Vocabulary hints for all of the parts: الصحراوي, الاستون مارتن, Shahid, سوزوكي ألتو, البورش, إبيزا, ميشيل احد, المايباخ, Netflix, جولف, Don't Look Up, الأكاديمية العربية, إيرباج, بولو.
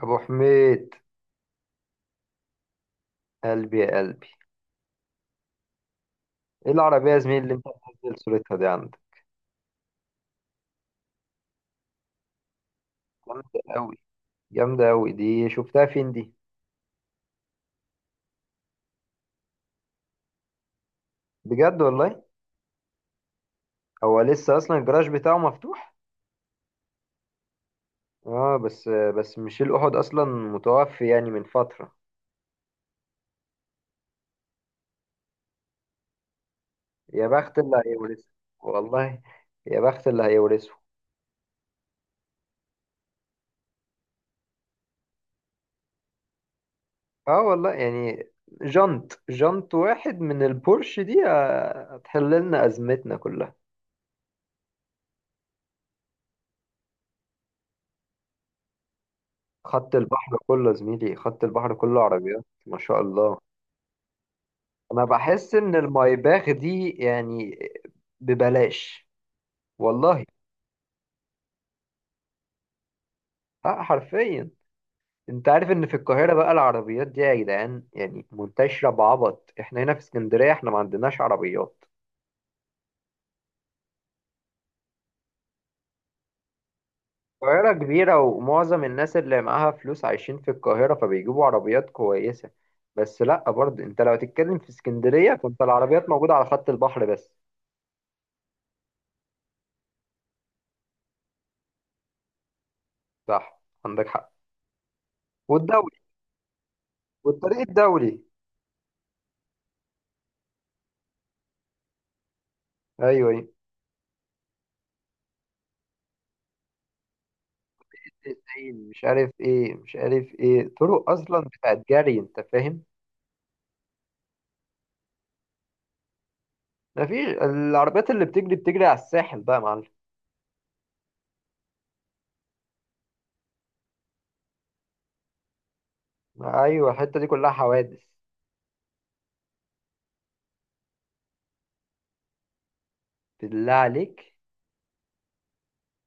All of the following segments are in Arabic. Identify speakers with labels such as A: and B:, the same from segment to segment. A: ابو حميد، قلبي يا قلبي. ايه العربيه يا زميلي اللي انت منزل صورتها دي عندك؟ جامده قوي. جامده قوي، دي شفتها فين دي؟ بجد والله؟ هو لسه اصلا الجراج بتاعه مفتوح؟ اه بس ميشيل احد اصلا متوفي يعني من فتره. يا بخت اللي هيورثه. والله، يا بخت اللي هيورثه. اه والله يعني، جنط، جنط واحد من البورش دي هتحل لنا ازمتنا كلها. خط البحر كله يا زميلي، خط البحر كله عربيات ما شاء الله. انا بحس ان المايباخ دي يعني ببلاش والله. اه حرفيا. انت عارف ان في القاهرة بقى العربيات دي يا جدعان يعني منتشرة بعبط، احنا هنا في اسكندرية احنا ما عندناش عربيات. القاهرة كبيرة ومعظم الناس اللي معاها فلوس عايشين في القاهرة فبيجيبوا عربيات كويسة. بس لا برضه انت لو تتكلم في اسكندرية فانت العربيات موجودة على خط البحر بس. صح، عندك حق. والدولي، والطريق الدولي. ايوه، أيوة. الزين مش عارف ايه، مش عارف ايه، طرق اصلا بتاعت جري انت فاهم. مفيش. العربيات اللي بتجري بتجري على الساحل بقى يا معلم. ايوه، الحته دي كلها حوادث. بالله عليك.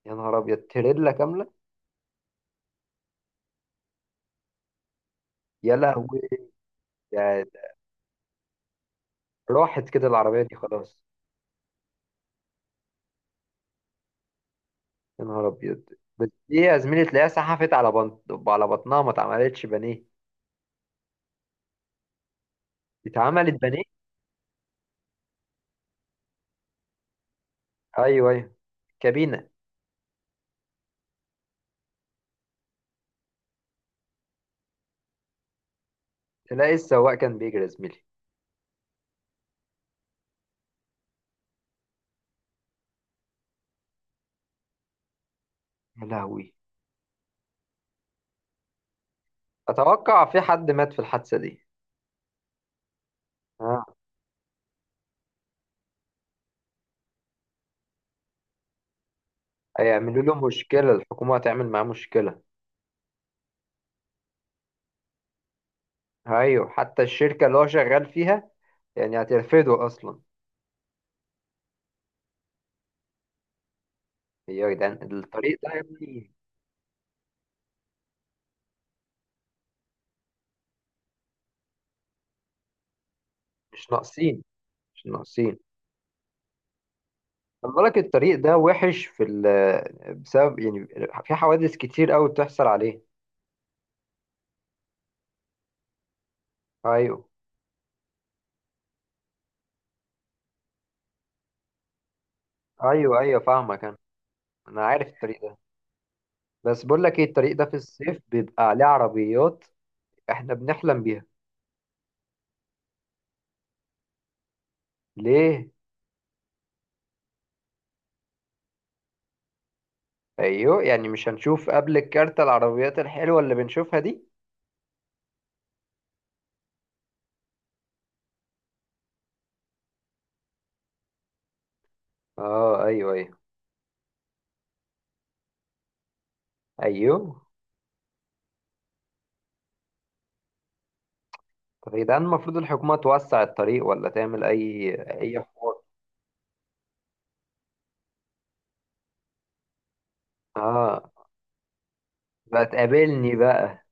A: يا نهار ابيض، تريلا كامله. يا لهوي. ده راحت كده العربيه دي خلاص. يا نهار ابيض. بس دي يا زميلي تلاقيها سحفت على بنط، على بطنها، ما اتعملتش بانيه. اتعملت بانيه. ايوه ايوه. كابينه. تلاقي السواق كان بيجري يا زميلي. يا لهوي. اتوقع في حد مات في الحادثه دي. هيعملوا له مشكلة، الحكومة هتعمل معاه مشكلة. أيوة، حتى الشركة اللي هو شغال فيها يعني هترفضه أصلا. يا جدعان الطريق ده يا ابني. مش ناقصين، مش ناقصين. خلي بالك الطريق ده وحش في بسبب يعني في حوادث كتير أوي بتحصل عليه. أيوة، أيوة، أيوة، فاهمك أنا. أنا عارف الطريق ده. بس بقول لك إيه، الطريق ده في الصيف بيبقى عليه عربيات إحنا بنحلم بيها. ليه؟ أيوة، يعني مش هنشوف قبل الكارتة العربيات الحلوة اللي بنشوفها دي. اه، ايوه، ايوه، ايوه. طب يا جدعان المفروض الحكومة توسع الطريق ولا تعمل اي، اي حوار. اه، بقى تقابلني بقى.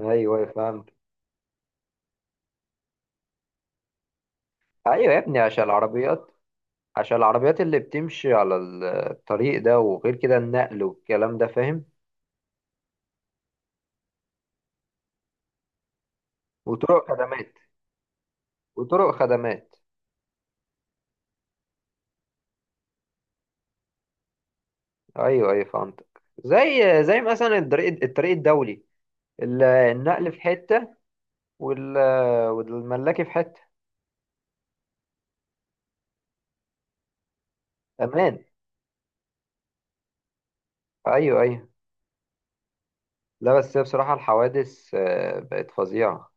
A: ايوه، أيوة، فهمت. ايوه يا ابني، عشان العربيات اللي بتمشي على الطريق ده، وغير كده النقل والكلام ده فاهم. وطرق خدمات، وطرق خدمات. ايوه ايوه فهمت. زي مثلا الطريق الدولي. النقل في حتة، والملاكي في حتة. امان. ايوه ايوه. لا بس هي بصراحة الحوادث بقت فظيعة.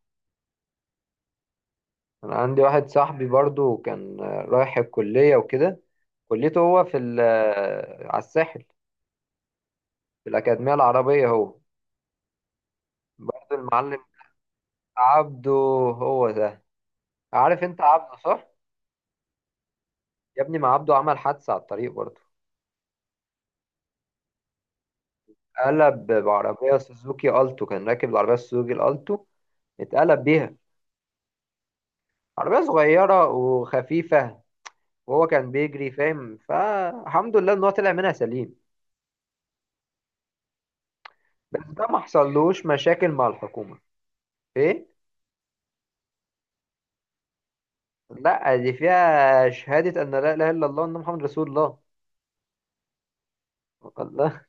A: أنا عندي واحد صاحبي برضو كان رايح الكلية وكده. كليته هو في على الساحل، في الأكاديمية العربية هو. برضو المعلم عبده. هو ده. عارف أنت عبده، صح؟ يا ابني ما عبده عمل حادثة على الطريق برضو. قلب بعربية سوزوكي ألتو، كان راكب العربية سوزوكي الألتو. اتقلب بيها. عربية صغيرة وخفيفة. وهو كان بيجري فاهم، فالحمد لله إن هو طلع منها سليم. بس ده ما حصلوش مشاكل مع الحكومة. ايه. لا دي فيها شهادة ان لا اله الا الله وان محمد رسول الله. الله.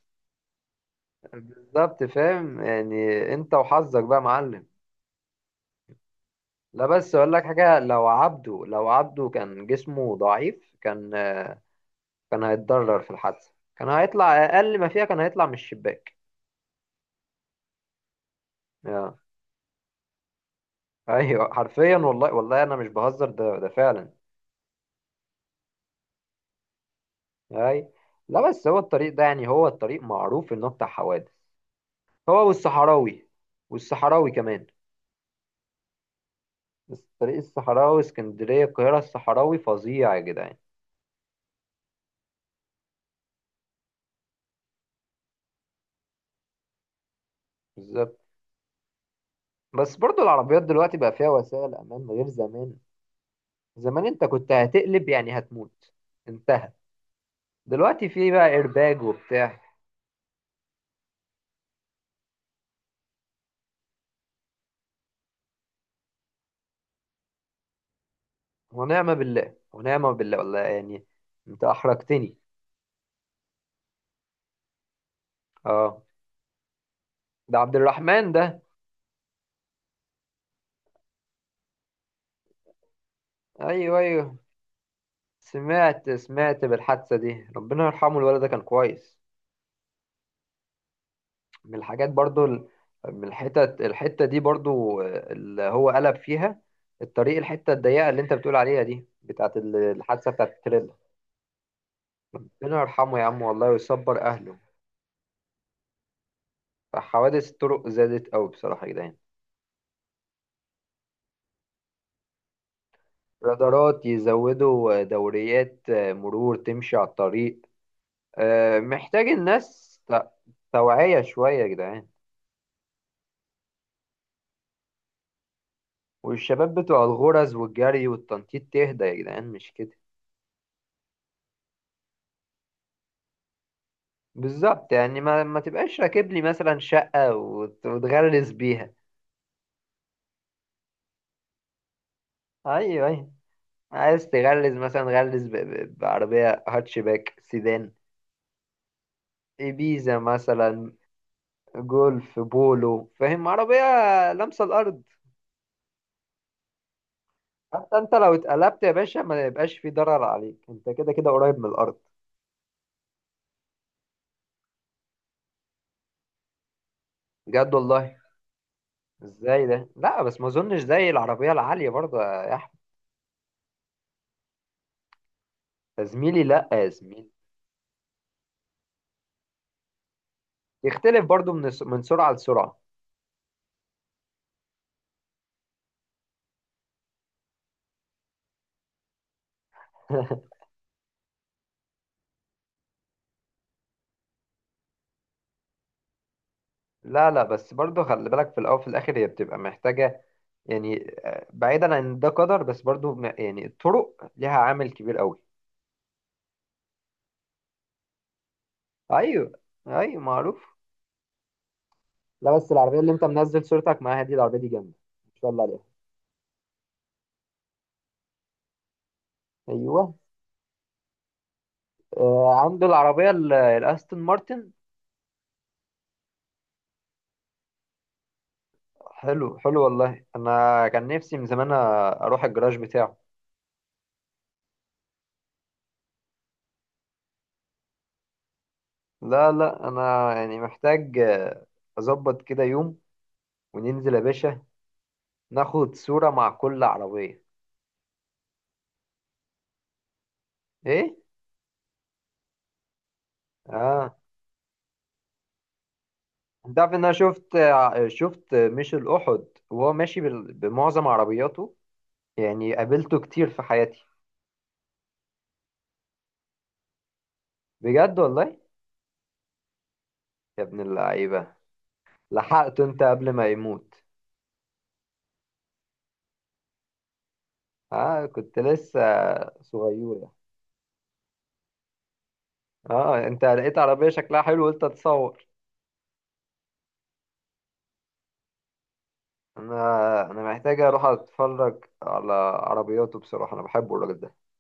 A: بالظبط، فاهم يعني. انت وحظك بقى يا معلم. لا بس اقول لك حاجة، لو عبده كان جسمه ضعيف، كان هيتضرر في الحادثة، كان هيطلع اقل ما فيها، كان هيطلع من الشباك. آه. ايوه حرفيا، والله والله انا مش بهزر، ده فعلا. اي. لا بس هو الطريق ده يعني، هو الطريق معروف انه بتاع حوادث. هو والصحراوي. والصحراوي كمان. بس طريق الصحراوي، اسكندرية القاهرة، الصحراوي فظيع يا جدعان. بالظبط. بس برضو العربيات دلوقتي بقى فيها وسائل أمان غير زمان. زمان أنت كنت هتقلب يعني هتموت. انتهى. دلوقتي في بقى إيرباج وبتاع. ونعمة بالله، ونعمة بالله والله يعني. أنت أحرجتني. أه. ده عبد الرحمن ده. أيوه أيوه. سمعت، سمعت بالحادثة دي، ربنا يرحمه، الولد ده كان كويس. من الحاجات برضو من الحتة دي برضو اللي هو قلب فيها. الطريق، الحتة الضيقة اللي انت بتقول عليها دي بتاعت الحادثة بتاعت التريلا. ربنا يرحمه يا عم والله، ويصبر أهله. فحوادث الطرق زادت أوي بصراحة يا جدعان. رادارات، يزودوا دوريات مرور تمشي على الطريق. محتاج الناس توعية شوية يا جدعان. والشباب بتوع الغرز والجري والتنطيط تهدى يا جدعان، مش كده؟ بالظبط، يعني ما تبقاش راكب لي مثلا شقة وتغلس بيها. ايوه ايوه. عايز تغلس مثلا، غلس بعربية هاتشباك سيدان. إبيزا مثلا. جولف، بولو، فاهم؟ عربية لامسة الأرض. حتى أنت لو اتقلبت يا باشا ما يبقاش في ضرر عليك، أنت كده كده قريب من الأرض. بجد والله. ازاي ده؟ لا بس ما أظنش زي العربية العالية برضه يا أحمد. يا زميلي، لا يا زميلي. يختلف برضه من من سرعة لسرعة. لا لا، بس برضه خلي بالك، في الاول وفي الاخر هي بتبقى محتاجه. يعني بعيدا عن ده قدر، بس برضه يعني الطرق ليها عامل كبير قوي. ايوه ايوه معروف. لا بس العربيه اللي انت منزل صورتك معاها دي، العربيه دي جامده ما شاء الله عليها. ايوه. آه، عنده العربيه الاستون مارتن. حلو حلو، والله انا كان نفسي من زمان اروح الجراج بتاعه. لا لا، انا يعني محتاج اظبط كده يوم وننزل يا باشا، ناخد صوره مع كل عربيه. ايه؟ اه انت عارف ان انا شفت شفت ميشيل احد وهو ماشي بمعظم عربياته، يعني قابلته كتير في حياتي. بجد والله؟ يا ابن اللعيبه. لحقته انت قبل ما يموت. اه، كنت لسه صغيره. اه انت لقيت عربيه شكلها حلو قلت اتصور. انا انا محتاج اروح اتفرج على عربياته، بصراحه انا بحبه الراجل ده.